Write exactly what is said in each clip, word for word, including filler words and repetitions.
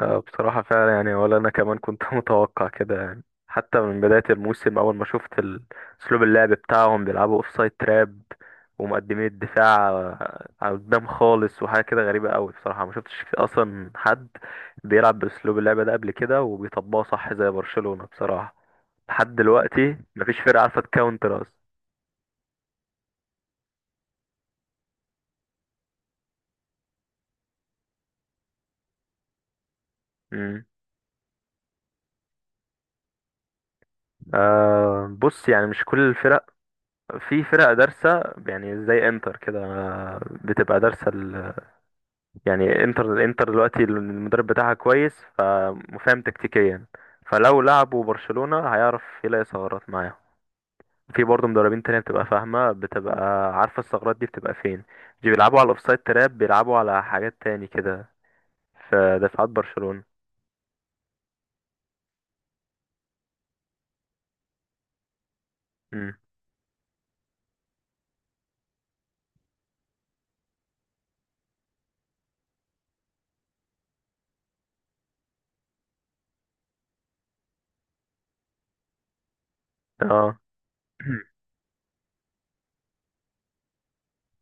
آه، بصراحة فعلا يعني ولا أنا كمان كنت متوقع كده يعني حتى من بداية الموسم أول ما شفت ال- أسلوب اللعب بتاعهم، بيلعبوا أوفسايد تراب ومقدمين الدفاع آه، على قدام خالص، وحاجة كده غريبة أوي بصراحة. ما شفتش أصلا حد بيلعب بأسلوب اللعب ده قبل كده وبيطبقه صح زي برشلونة بصراحة. لحد دلوقتي مفيش فرقة عارفة تكاونتر أصلا. مم. آه، بص يعني مش كل الفرق. في فرق دارسة يعني زي انتر كده، آه، بتبقى دارسة. يعني انتر، الانتر دلوقتي المدرب بتاعها كويس فمفهم تكتيكيا، فلو لعبوا برشلونة هيعرف يلاقي ثغرات معاهم. في برضه مدربين تانية بتبقى فاهمة، بتبقى عارفة الثغرات دي بتبقى فين. دي بيلعبوا على الاوفسايد تراب، بيلعبوا على حاجات تاني كده في دفاعات برشلونة. امم، اه،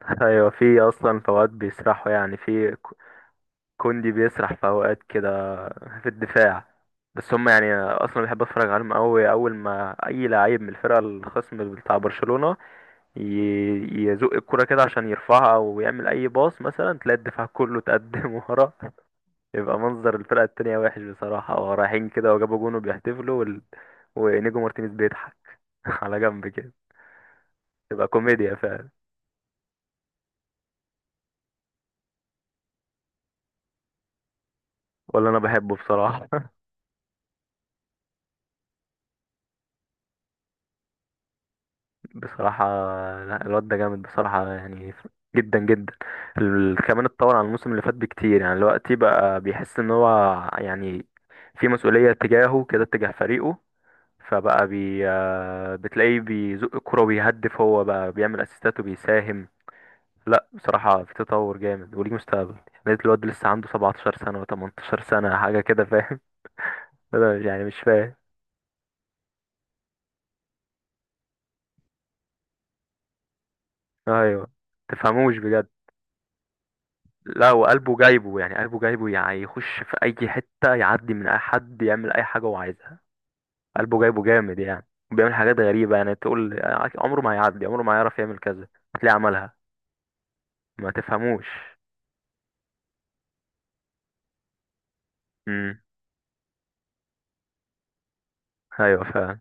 ايوه. في اصلا في اوقات بيسرحوا يعني، في ك- كوندي بيسرح في اوقات كده في الدفاع. بس هم يعني اصلا بحب اتفرج عليهم قوي. اول ما اي لعيب من الفرقه الخصم بتاع برشلونه ي- يزق الكره كده عشان يرفعها او يعمل اي باص مثلا، تلاقي الدفاع كله اتقدم ورا. يبقى منظر الفرقه التانية وحش بصراحه، هو رايحين كده وجابوا جون وبيحتفلوا وال... ونيجو مارتينيز بيضحك على جنب كده. تبقى كوميديا فعلا، ولا انا بحبه بصراحه. بصراحة لا، الواد ده جامد بصراحة يعني، جدا جدا. ال- كمان اتطور عن الموسم اللي فات بكتير يعني. دلوقتي بقى بيحس ان هو يعني في مسؤولية تجاهه كده، تجاه فريقه، فبقى بي آه، بتلاقيه بيزق الكرة وبيهدف، هو بقى بيعمل اسيستات وبيساهم. لا بصراحة، في تطور جامد وليه مستقبل. يعني الواد لسه عنده 17 سنة و18 سنة حاجة كده، فاهم؟ أنا يعني مش فاهم. ايوه، تفهموش بجد. لا، وقلبه جايبه يعني، قلبه جايبه يعني يخش في اي حته، يعدي من اي حد، يعمل اي حاجه هو عايزها. قلبه جايبه جامد يعني. بيعمل حاجات غريبه يعني، تقول عمره ما هيعدي، عمره ما هيعرف يعمل كذا، هتلاقيه عملها. ما تفهموش. امم. ايوه فعلا.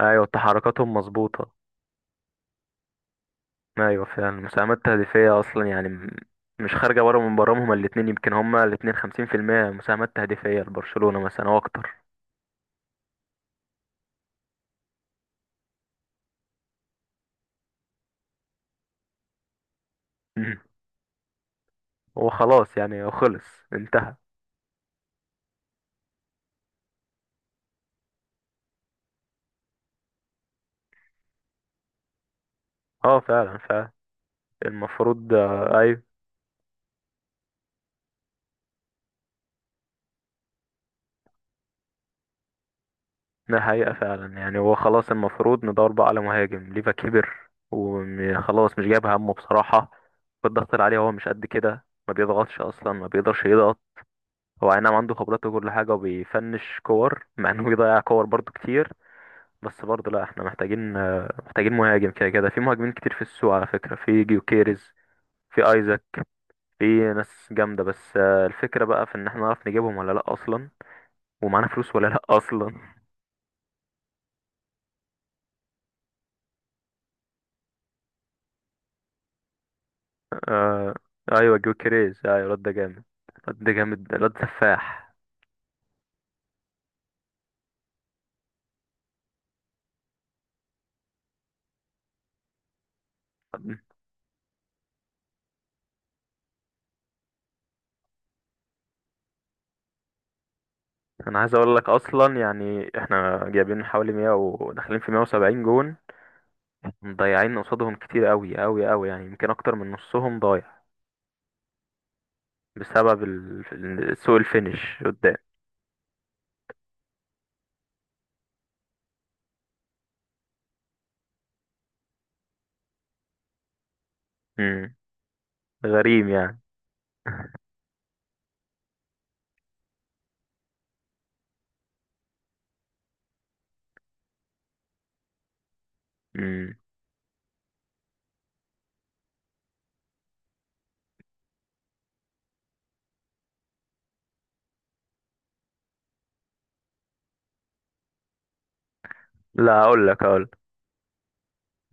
ايوه، تحركاتهم مظبوطه. ايوه فعلا، المساهمات التهديفيه اصلا يعني م- مش خارجه بره من برامج هما الاتنين. يمكن هما الاتنين خمسين في المية مساهمات تهديفيه لبرشلونه مثلا او اكتر. مم. هو خلاص يعني، هو خلص، انتهى. اه فعلا فعلا، المفروض آه، ايوه. ده حقيقة فعلا يعني، هو خلاص. المفروض ندور بقى على مهاجم. ليفا كبر وخلاص، مش جايب همه بصراحة. والضغط اللي عليه هو مش قد كده، ما بيضغطش اصلا، ما بيقدرش يضغط. هو اي نعم عنده خبرات وكل حاجة وبيفنش كور، مع انه بيضيع كور برضو كتير. بس برضو لا، احنا محتاجين آه، محتاجين مهاجم، كده كده في مهاجمين كتير في السوق على فكرة. في جيوكيريز، في ايزاك، في ناس جامدة، بس آه، الفكرة بقى في ان احنا نعرف نجيبهم ولا لا اصلا، ومعانا فلوس ولا لا اصلا. آه، ايوه جو كريز، ايوه الواد ده جامد، الواد ده جامد، الواد ده سفاح. انا عايز اقول لك اصلا يعني، احنا جايبين حوالي مية وداخلين في مية وسبعين جون، مضيعين قصادهم كتير قوي قوي قوي يعني، يمكن اكتر من نصهم ضايع بسبب ال- ال- سوء الفينش قدام. امم. غريم يعني. امم. لا اقول لك، اقول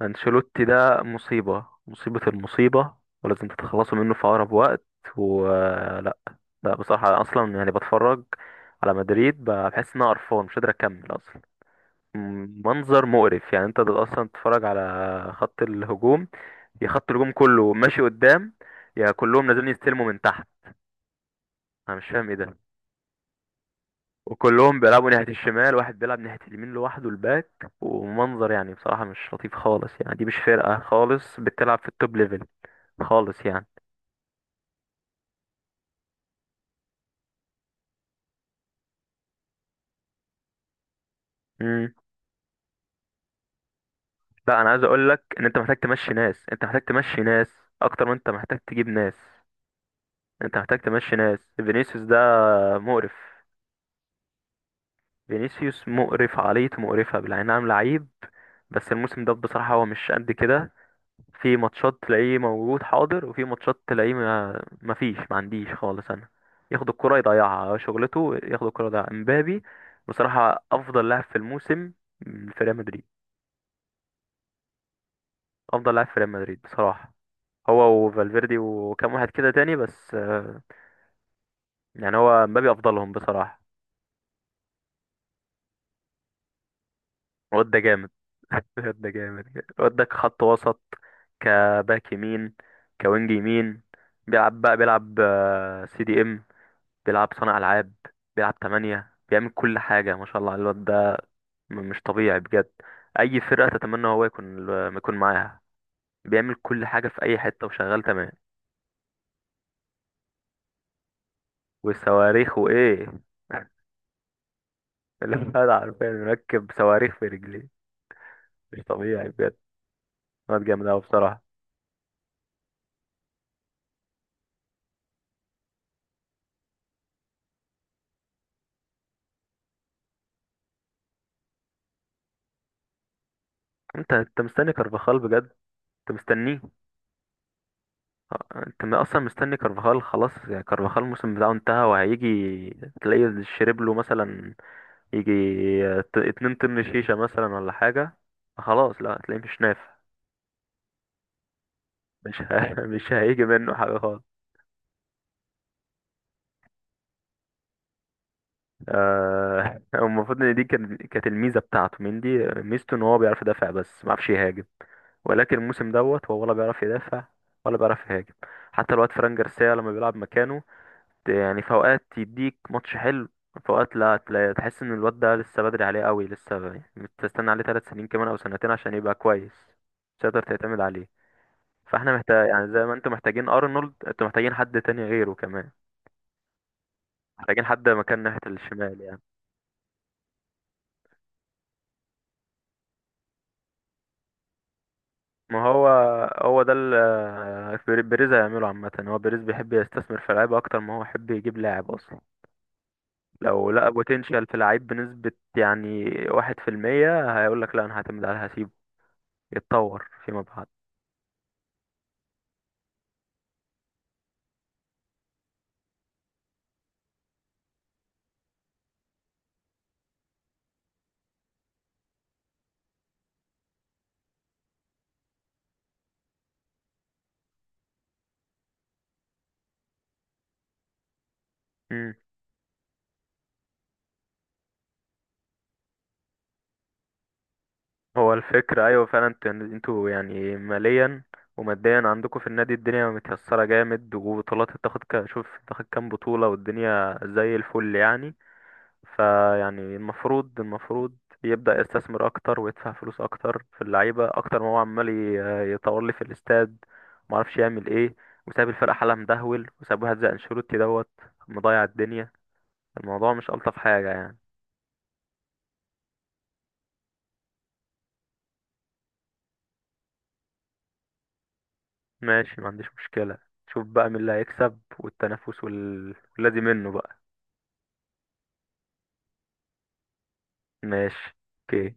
انشيلوتي ده مصيبة، مصيبة، المصيبة، ولازم تتخلصوا منه في أقرب وقت ولا لا؟ لا، بصراحة أصلا يعني، بتفرج على مدريد بحس إن أنا قرفان، مش قادر أكمل أصلا. م- منظر مقرف يعني. أنت ده أصلا تتفرج على خط الهجوم، يا خط الهجوم كله ماشي قدام، يا كلهم نازلين يستلموا من تحت. أنا مش فاهم إيه ده. وكلهم بيلعبوا ناحية الشمال، واحد بيلعب ناحية اليمين لوحده الباك، ومنظر يعني بصراحة مش لطيف خالص يعني. دي مش فرقة خالص بتلعب في التوب ليفل خالص يعني. امم. لا انا عايز اقول لك ان انت محتاج تمشي ناس، انت محتاج تمشي ناس اكتر ما انت محتاج تجيب ناس. انت محتاج تمشي ناس. فينيسيوس ده مقرف، فينيسيوس مقرف، عقليته مقرفة بالعين، نعم لعيب. بس الموسم ده بصراحة هو مش قد كده. في ماتشات تلاقيه موجود حاضر، وفي ماتشات تلاقيه ما مفيش، ما عنديش خالص انا. ياخد الكرة يضيعها شغلته، ياخد الكرة يضيعها. امبابي بصراحة افضل لاعب في الموسم في ريال مدريد. افضل لاعب في ريال مدريد بصراحة، هو وفالفيردي وكام واحد كده تاني، بس آه، يعني هو مبابي افضلهم بصراحه. الواد ده جامد. الواد ده جامد. الواد ده كخط وسط، كباك يمين، كوينج يمين، بيلعب بقى بيلعب آه، سي دي ام، بيلعب صانع العاب، بيلعب تمانية، بيعمل كل حاجه، ما شاء الله على الواد ده. م- مش طبيعي بجد. اي فرقه تتمنى هو يكون، يكون معاها. بيعمل كل حاجه في اي حته وشغال تمام. وصواريخ وايه الواد عارفين مركب صواريخ في رجليه. مش طبيعي بجد، واد جامد قوي بصراحه. انت انت مستني كارفاخال بجد؟ انت مستنيه؟ اه، انت م- اصلا مستني كارفاخال؟ خلاص يعني كارفاخال الموسم بتاعه انتهى. وهيجي تلاقيه شرب له مثلا، يجي ت- اتنين طن شيشه مثلا ولا حاجه. خلاص لا، هتلاقيه مش نافع. مش ه... مش هيجي منه حاجه خالص. آه، هو المفروض ان دي كان- كانت الميزه بتاعته. مندي ميزته ان هو بيعرف يدافع بس ما بيعرفش يهاجم، ولكن الموسم دوت هو ولا بيعرف يدافع ولا بيعرف يهاجم. حتى الواد فران جارسيا لما بيلعب مكانه، ت- يعني في اوقات يديك ماتش حلو، في اوقات لا، تلا- تحس ان الواد ده لسه بدري عليه قوي. لسه تستنى عليه ثلاث سنين كمان او سنتين عشان يبقى كويس. مش هتقدر تعتمد عليه. فاحنا محتاج يعني، زي ما انتوا محتاجين ارنولد، انتوا محتاجين حد تاني غيره كمان، محتاجين حد مكان ناحية الشمال يعني. ما هو، هو ده اللي بيريز هيعمله عامة. هو بيريز بيحب يستثمر في لعيبة أكتر ما هو يحب يجيب لاعب أصلا. لو لقى بوتنشال في لعيب بنسبة يعني واحد في المية، هيقولك لا أنا هعتمد عليه، هسيبه يتطور فيما بعد. مم. هو الفكرة أيوة فعلا، انتوا يعني، انتوا يعني ماليا وماديا عندكم في النادي الدنيا متيسرة جامد، وبطولات تاخد، شوف تاخد كام بطولة والدنيا زي الفل يعني. فيعني المفروض، المفروض يبدأ يستثمر أكتر ويدفع فلوس أكتر في اللعيبة، أكتر ما هو عمال ي- يطور لي في الاستاد، معرفش يعمل إيه، وساب الفرقة حالها مدهول، وساب واحد زي أنشيلوتي دوت مضيع الدنيا. الموضوع مش ألطف حاجة يعني. ماشي، ما عنديش مشكلة. شوف بقى مين اللي هيكسب والتنافس وال... والذي منه بقى. ماشي، اوكي.